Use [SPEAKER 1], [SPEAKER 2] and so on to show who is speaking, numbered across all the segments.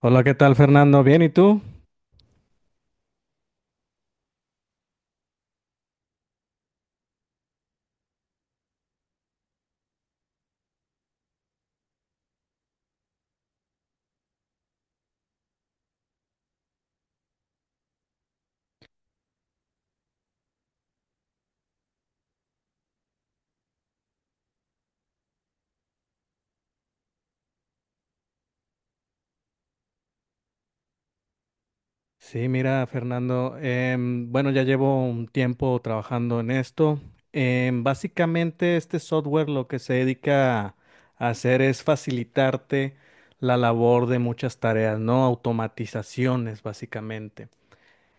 [SPEAKER 1] Hola, ¿qué tal, Fernando? ¿Bien? ¿Y tú? Sí, mira, Fernando, bueno, ya llevo un tiempo trabajando en esto. Básicamente, este software lo que se dedica a hacer es facilitarte la labor de muchas tareas, ¿no? Automatizaciones, básicamente.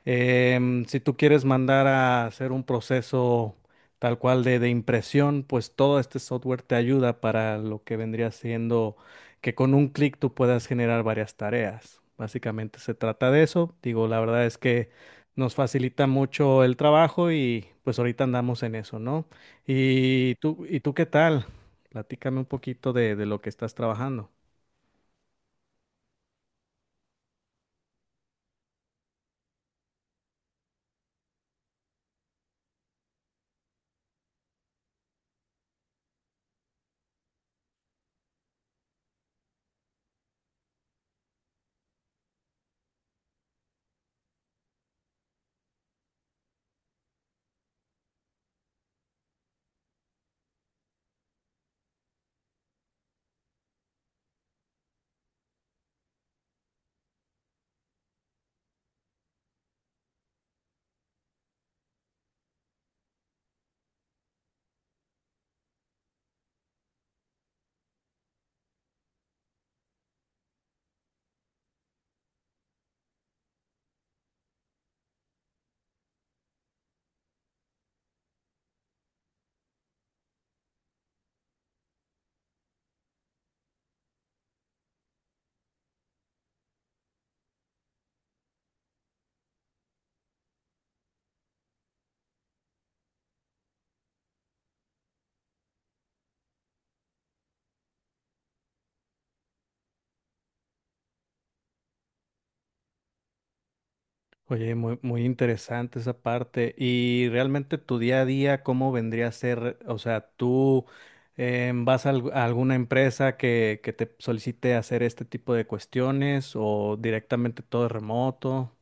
[SPEAKER 1] Si tú quieres mandar a hacer un proceso tal cual de impresión, pues todo este software te ayuda para lo que vendría siendo que con un clic tú puedas generar varias tareas. Básicamente se trata de eso. Digo, la verdad es que nos facilita mucho el trabajo y pues ahorita andamos en eso, ¿no? ¿Y tú qué tal? Platícame un poquito de lo que estás trabajando. Oye, muy interesante esa parte. Y realmente tu día a día, ¿cómo vendría a ser? O sea, tú vas a, a alguna empresa que te solicite hacer este tipo de cuestiones o directamente todo es remoto.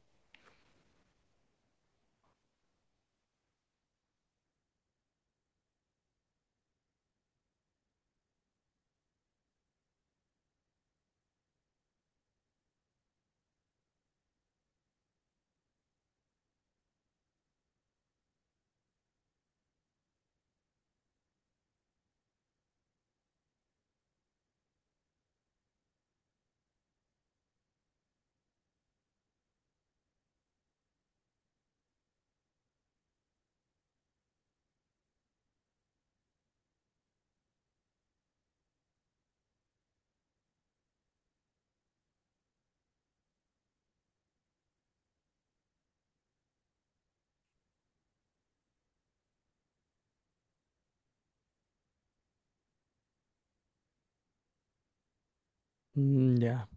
[SPEAKER 1] Mm, ya.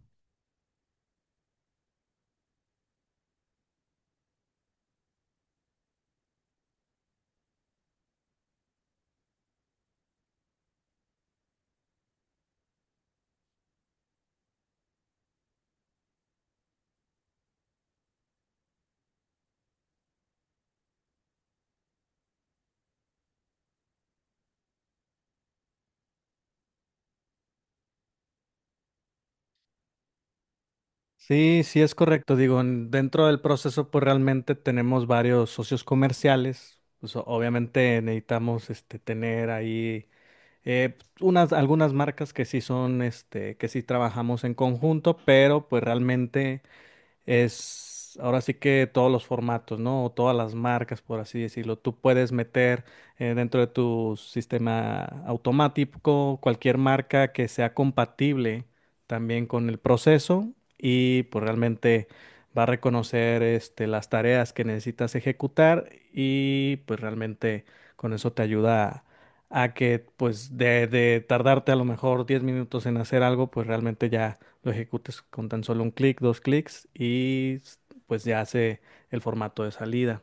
[SPEAKER 1] Sí, sí es correcto. Digo, dentro del proceso, pues realmente tenemos varios socios comerciales. Pues obviamente necesitamos este, tener ahí. Unas, algunas marcas que sí son, este, que sí trabajamos en conjunto, pero pues realmente es ahora sí que todos los formatos, ¿no? O todas las marcas, por así decirlo. Tú puedes meter dentro de tu sistema automático cualquier marca que sea compatible también con el proceso y pues realmente va a reconocer este, las tareas que necesitas ejecutar y pues realmente con eso te ayuda a que pues de tardarte a lo mejor 10 minutos en hacer algo, pues realmente ya lo ejecutes con tan solo un clic, dos clics pues ya hace el formato de salida.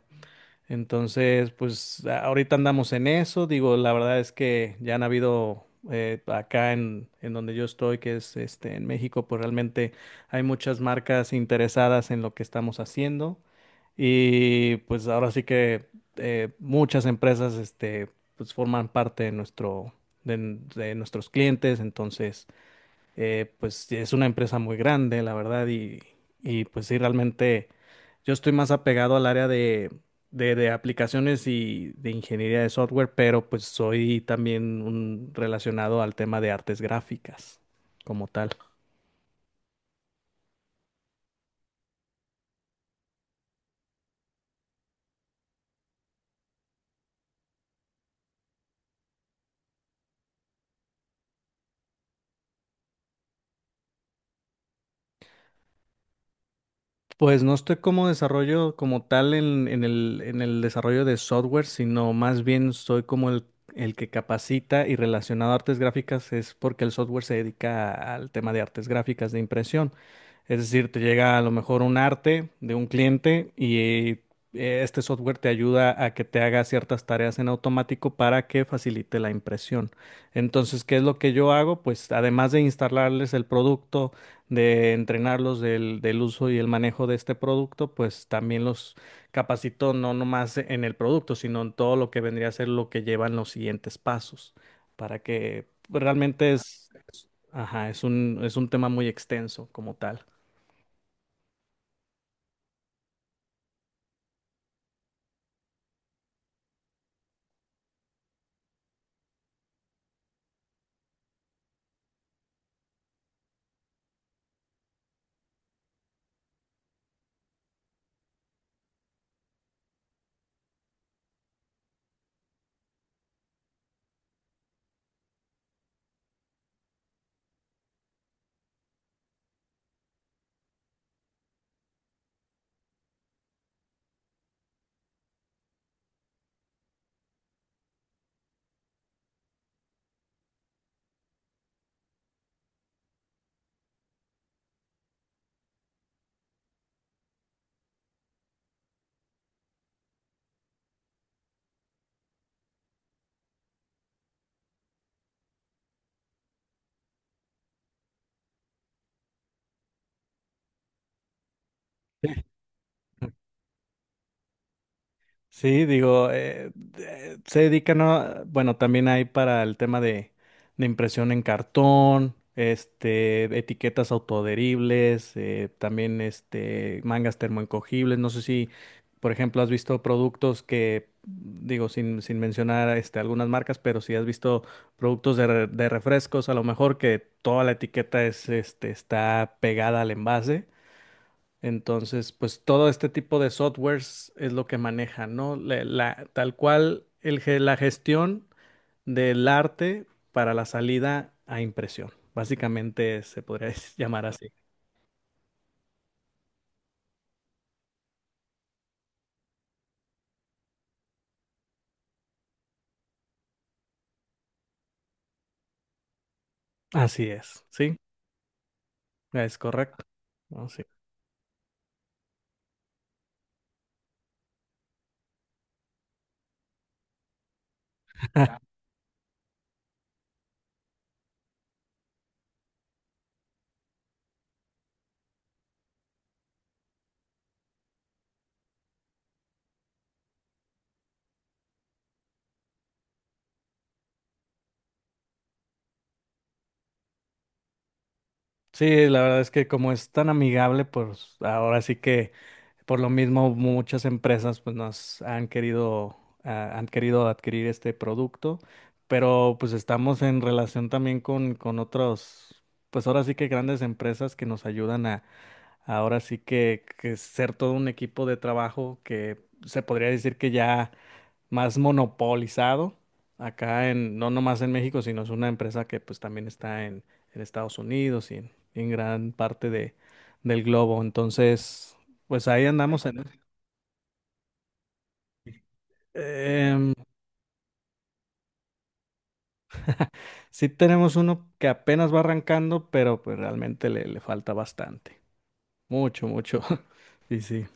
[SPEAKER 1] Entonces, pues ahorita andamos en eso. Digo, la verdad es que ya han habido acá en donde yo estoy, que es este en México, pues realmente hay muchas marcas interesadas en lo que estamos haciendo. Y pues ahora sí que muchas empresas este, pues forman parte de nuestro, de nuestros clientes. Entonces, pues es una empresa muy grande, la verdad, y pues sí, realmente yo estoy más apegado al área de, de aplicaciones y de ingeniería de software, pero pues soy también un relacionado al tema de artes gráficas como tal. Pues no estoy como desarrollo como tal en el desarrollo de software, sino más bien soy como el que capacita y relacionado a artes gráficas es porque el software se dedica al tema de artes gráficas de impresión. Es decir, te llega a lo mejor un arte de un cliente y este software te ayuda a que te haga ciertas tareas en automático para que facilite la impresión. Entonces, ¿qué es lo que yo hago? Pues además de instalarles el producto, de entrenarlos del, del uso y el manejo de este producto, pues también los capacito no nomás en el producto, sino en todo lo que vendría a ser lo que llevan los siguientes pasos, para que realmente es, ajá, es un tema muy extenso como tal. Sí, digo, se dedican a, bueno, también hay para el tema de impresión en cartón, este, etiquetas autoadheribles, también este, mangas termoencogibles. No sé si, por ejemplo, has visto productos que, digo, sin, sin mencionar este, algunas marcas, pero si has visto productos de refrescos, a lo mejor que toda la etiqueta es, este, está pegada al envase. Entonces, pues todo este tipo de softwares es lo que maneja, ¿no? Tal cual la gestión del arte para la salida a impresión. Básicamente se podría llamar así. Así es, ¿sí? Es correcto. ¿No? Sí. Sí, la verdad es que como es tan amigable, pues ahora sí que por lo mismo, muchas empresas pues nos han querido, ah, han querido adquirir este producto, pero pues estamos en relación también con otros, pues ahora sí que grandes empresas que nos ayudan a, ahora sí que ser todo un equipo de trabajo que se podría decir que ya más monopolizado acá en, no nomás en México, sino es una empresa que pues también está en Estados Unidos y en gran parte de, del globo. Entonces, pues ahí andamos en... Em, sí tenemos uno que apenas va arrancando, pero pues realmente le, le falta bastante. Mucho, mucho. Sí, sí.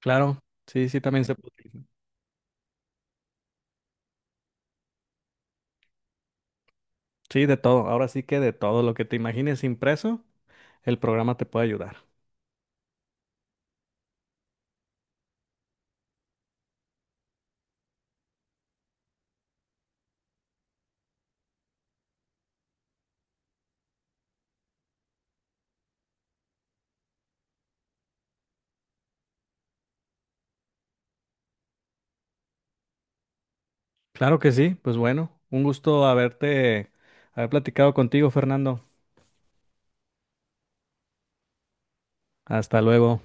[SPEAKER 1] Claro. Sí, sí, también se... Sí, de todo. Ahora sí que de todo lo que te imagines impreso, el programa te puede ayudar. Claro que sí, pues bueno, un gusto haberte, haber platicado contigo, Fernando. Hasta luego.